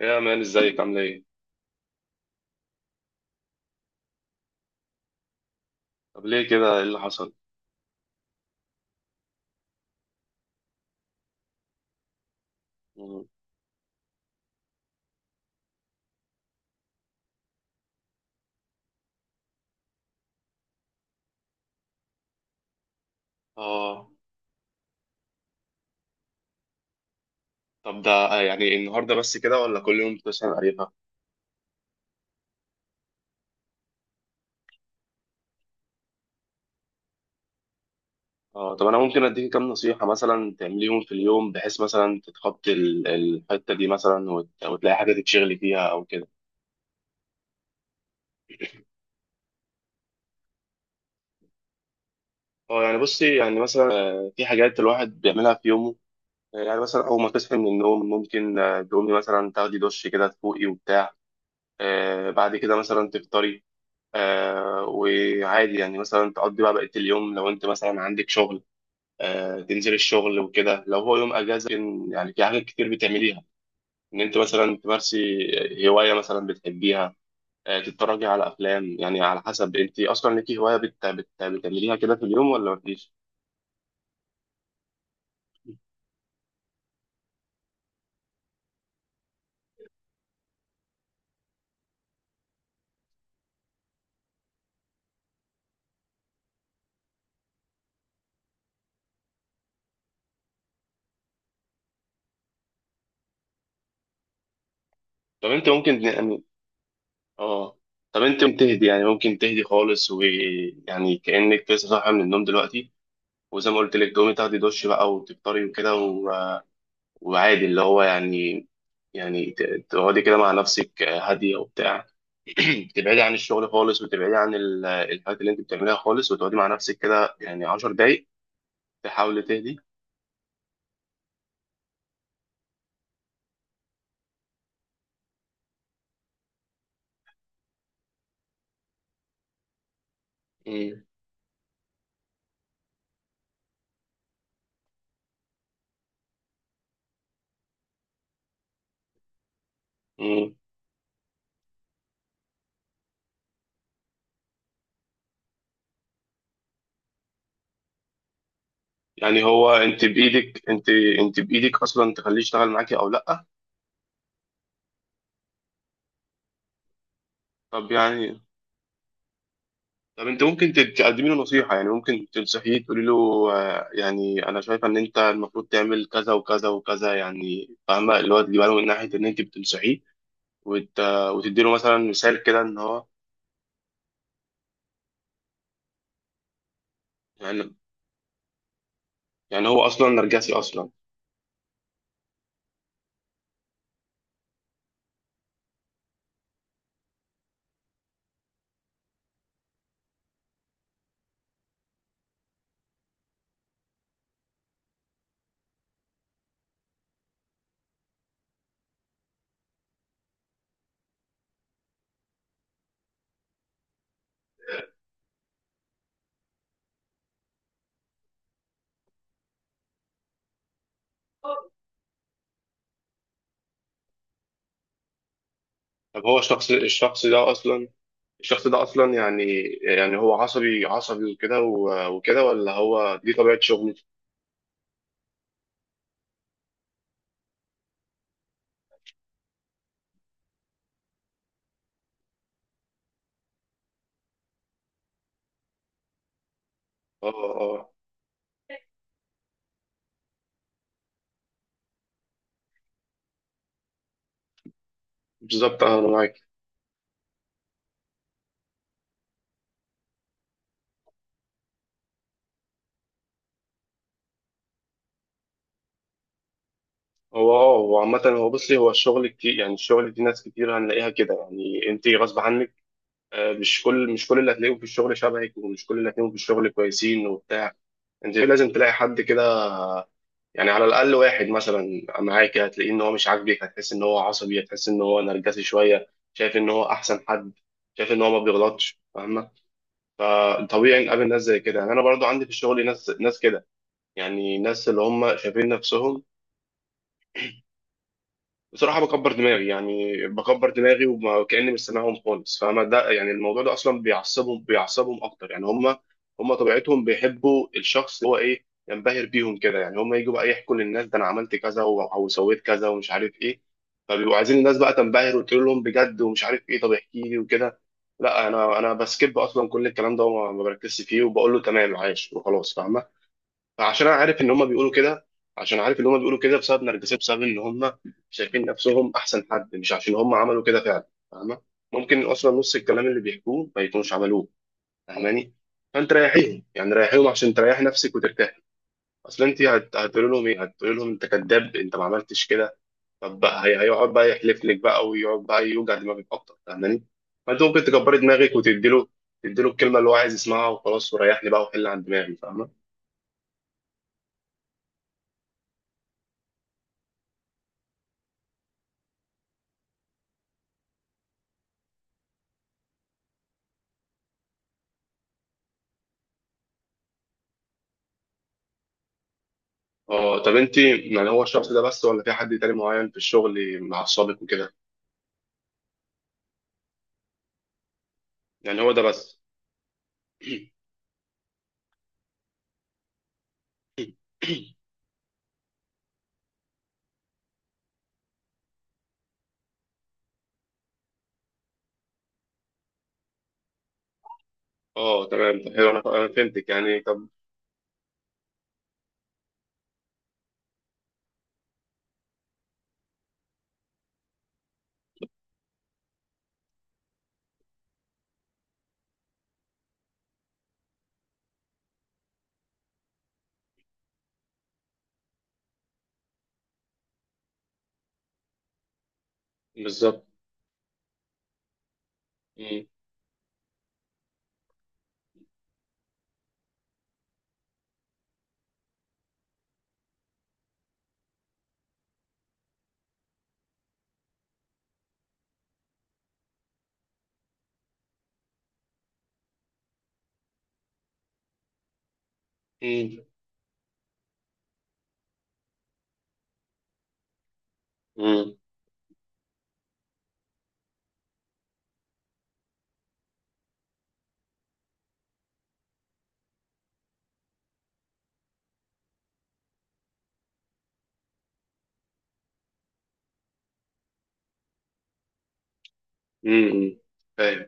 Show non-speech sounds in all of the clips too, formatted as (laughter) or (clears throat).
يا مان، ازيك عامل ايه؟ طب ليه كده؟ ايه اللي حصل؟ مم. اه، طب ده يعني النهارده بس كده، ولا كل يوم بتسأل قريبها؟ اه، طب انا ممكن اديك كام نصيحة مثلا تعمليهم في اليوم، بحيث مثلا تتخطي الحتة دي، مثلا وتلاقي حاجة تتشغلي فيها او كده. اه، يعني بصي، يعني مثلا في حاجات الواحد بيعملها في يومه. يعني مثلا اول ما تصحي من النوم، ممكن تقومي مثلا تاخدي دش كده، تفوقي وبتاع. بعد كده مثلا تفطري. وعادي، يعني مثلا تقضي بقى بقية اليوم لو انت مثلا عندك شغل. تنزل الشغل وكده. لو هو يوم اجازة، ممكن يعني في حاجات كتير بتعمليها، ان انت مثلا تمارسي هواية مثلا بتحبيها. تتفرجي على افلام، يعني على حسب انت اصلا ليكي هواية بتعمليها كده في اليوم ولا مفيش. طب انت ممكن يعني اه طب انت ممكن تهدي، يعني ممكن تهدي خالص، ويعني كأنك لسه صاحية من النوم دلوقتي. وزي ما قلت لك تقومي تاخدي دش بقى، وتفطري وكده. وعادي، اللي هو يعني، يعني تقعدي كده مع نفسك هادية وبتاع. (clears throat) تبعدي عن الشغل خالص، وتبعدي عن الحاجات اللي انت بتعمليها خالص، وتقعدي مع نفسك كده يعني 10 دقايق. تحاولي تهدي. مم. مم. يعني هو، انت بإيدك اصلا تخليه يشتغل معاكي او لا. طب يعني طب انت ممكن تقدمي له نصيحة، يعني ممكن تنصحيه، تقولي له يعني انا شايفة ان انت المفروض تعمل كذا وكذا وكذا، يعني فاهمة، اللي هو تجيبها له من ناحية ان انت بتنصحيه. وت... وتدي له مثلا مثال كده ان هو، يعني يعني هو اصلا نرجسي اصلا. طب هو الشخص ده اصلا، الشخص ده اصلا يعني يعني هو عصبي، عصبي وكده وكده، ولا هو دي طبيعة شغله؟ اه، اه، بالظبط، انا معاك. هو اه هو عامة هو بصي هو الشغل كتير، يعني الشغل دي ناس كتير هنلاقيها كده، يعني انت غصب عنك. مش كل اللي هتلاقيهم في الشغل شبهك، ومش كل اللي هتلاقيهم في الشغل كويسين وبتاع. انت لازم تلاقي حد كده. يعني على الاقل واحد مثلا معاك هتلاقيه ان هو مش عاجبك، هتحس ان هو عصبي، هتحس ان هو نرجسي شويه، شايف ان هو احسن حد، شايف ان هو ما بيغلطش، فاهمه. طبيعي نقابل ناس زي كده، يعني انا برضو عندي في الشغل ناس، ناس كده. يعني ناس اللي هم شايفين نفسهم. بصراحة بكبر دماغي، يعني بكبر دماغي وكأني مش سامعهم خالص، فاهمة ده؟ يعني الموضوع ده أصلا بيعصبهم، بيعصبهم أكتر. يعني هم طبيعتهم بيحبوا الشخص اللي هو إيه، ينبهر بيهم كده. يعني هم يجوا بقى يحكوا للناس، ده أنا عملت كذا أو سويت كذا ومش عارف إيه. فبيبقوا عايزين الناس بقى تنبهر وتقول لهم بجد ومش عارف إيه، طب احكي لي وكده. لا، أنا بسكيب أصلا كل الكلام ده، وما ما بركزش فيه، وبقول له تمام عايش وخلاص، فاهمة؟ عشان انا عارف ان هم بيقولوا كده، عشان عارف ان هم بيقولوا كده بسبب نرجسي، بسبب ان هم شايفين نفسهم احسن حد، مش عشان هم عملوا كده فعلا، فاهمه؟ ممكن اصلا نص الكلام اللي بيحكوه ما يكونوش عملوه، فاهماني؟ فانت ريحيهم، يعني ريحيهم عشان تريح نفسك وترتاح. اصل انت هتقول لهم ايه؟ هتقول لهم انت كذاب، انت ما عملتش كده؟ طب بقى هيقعد بقى يحلف لك بقى، ويقعد بقى يوجع دماغك اكتر، فاهماني؟ فانت ممكن تكبري دماغك وتديله الكلمه اللي هو عايز يسمعها، وخلاص وريحني بقى وحل عن دماغي، فاهمه؟ اه، طب انت يعني هو الشخص ده بس، ولا في حد تاني معين في الشغل معصبك وكده؟ يعني هو ده بس. (clears throat) اه، تمام، طب حلو، انا فهمتك يعني. طب بالظبط. مم. مم. مم. مم. فاهم.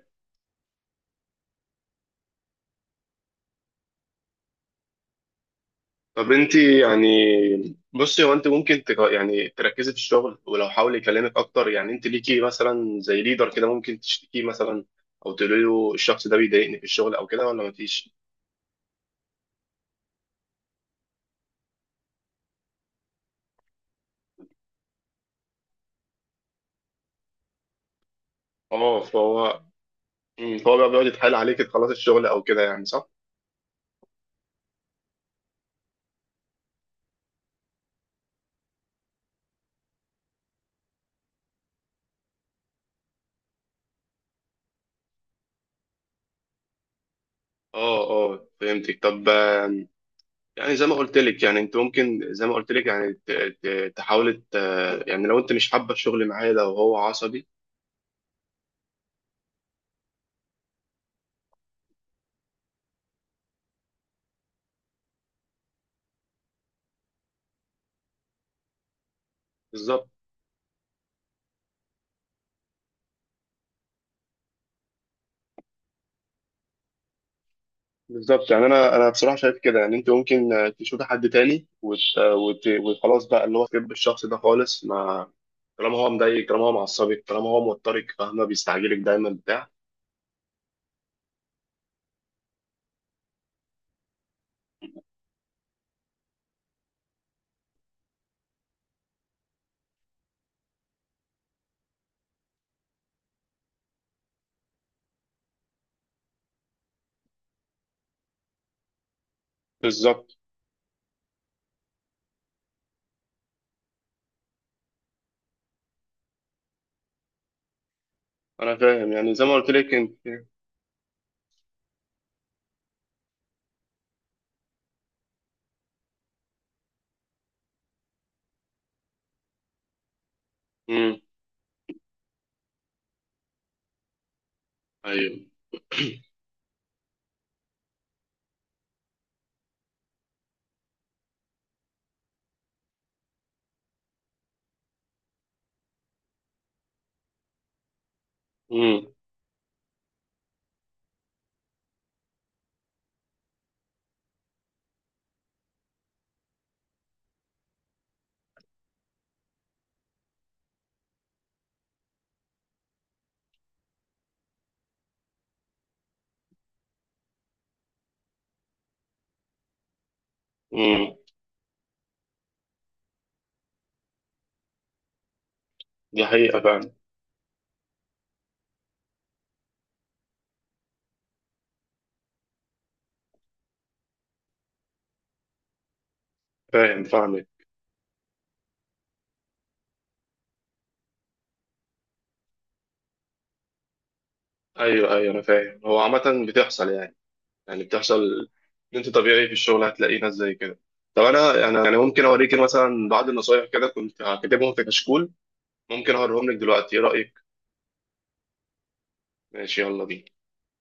طب انت يعني، بصي هو، انت ممكن يعني تركزي في الشغل، ولو حاول يكلمك اكتر، يعني انت ليكي مثلا زي ليدر كده، ممكن تشتكيه مثلا، او تقولي له الشخص ده بيضايقني في الشغل او كده، ولا مفيش. اه فهو. مم. فهو بقى بيقعد يتحايل عليك تخلصي الشغل او كده، يعني صح؟ اه، اه، فهمتك. طب يعني زي ما قلت لك، يعني انت ممكن، زي ما قلت لك يعني تحاول، يعني لو انت مش حابه الشغل معايا ده، وهو عصبي. بالظبط. بالظبط. يعني انا بصراحه شايف كده، يعني انت ممكن تشوفي حد تاني وخلاص بقى، اللي هو تحب الشخص ده خالص ما، طالما هو مضايقك، طالما هو معصبك، طالما هو موترك، فاهمه، بيستعجلك دايما بتاع بالظبط، انا فاهم، يعني زي ما قلت لك انت. امم. ايوه. (clears throat) امم. امم. دي حقيقه فعلا. فاهم، فاهمك. ايوه، ايوه، انا فاهم. هو عامة بتحصل يعني، يعني بتحصل ان انت طبيعي في الشغل هتلاقي ناس زي كده. طب انا يعني ممكن اوريك مثلا بعض النصايح، كده كنت كاتبهم في كشكول. ممكن اوريهم لك دلوقتي، ايه رأيك؟ ماشي، يلا بينا.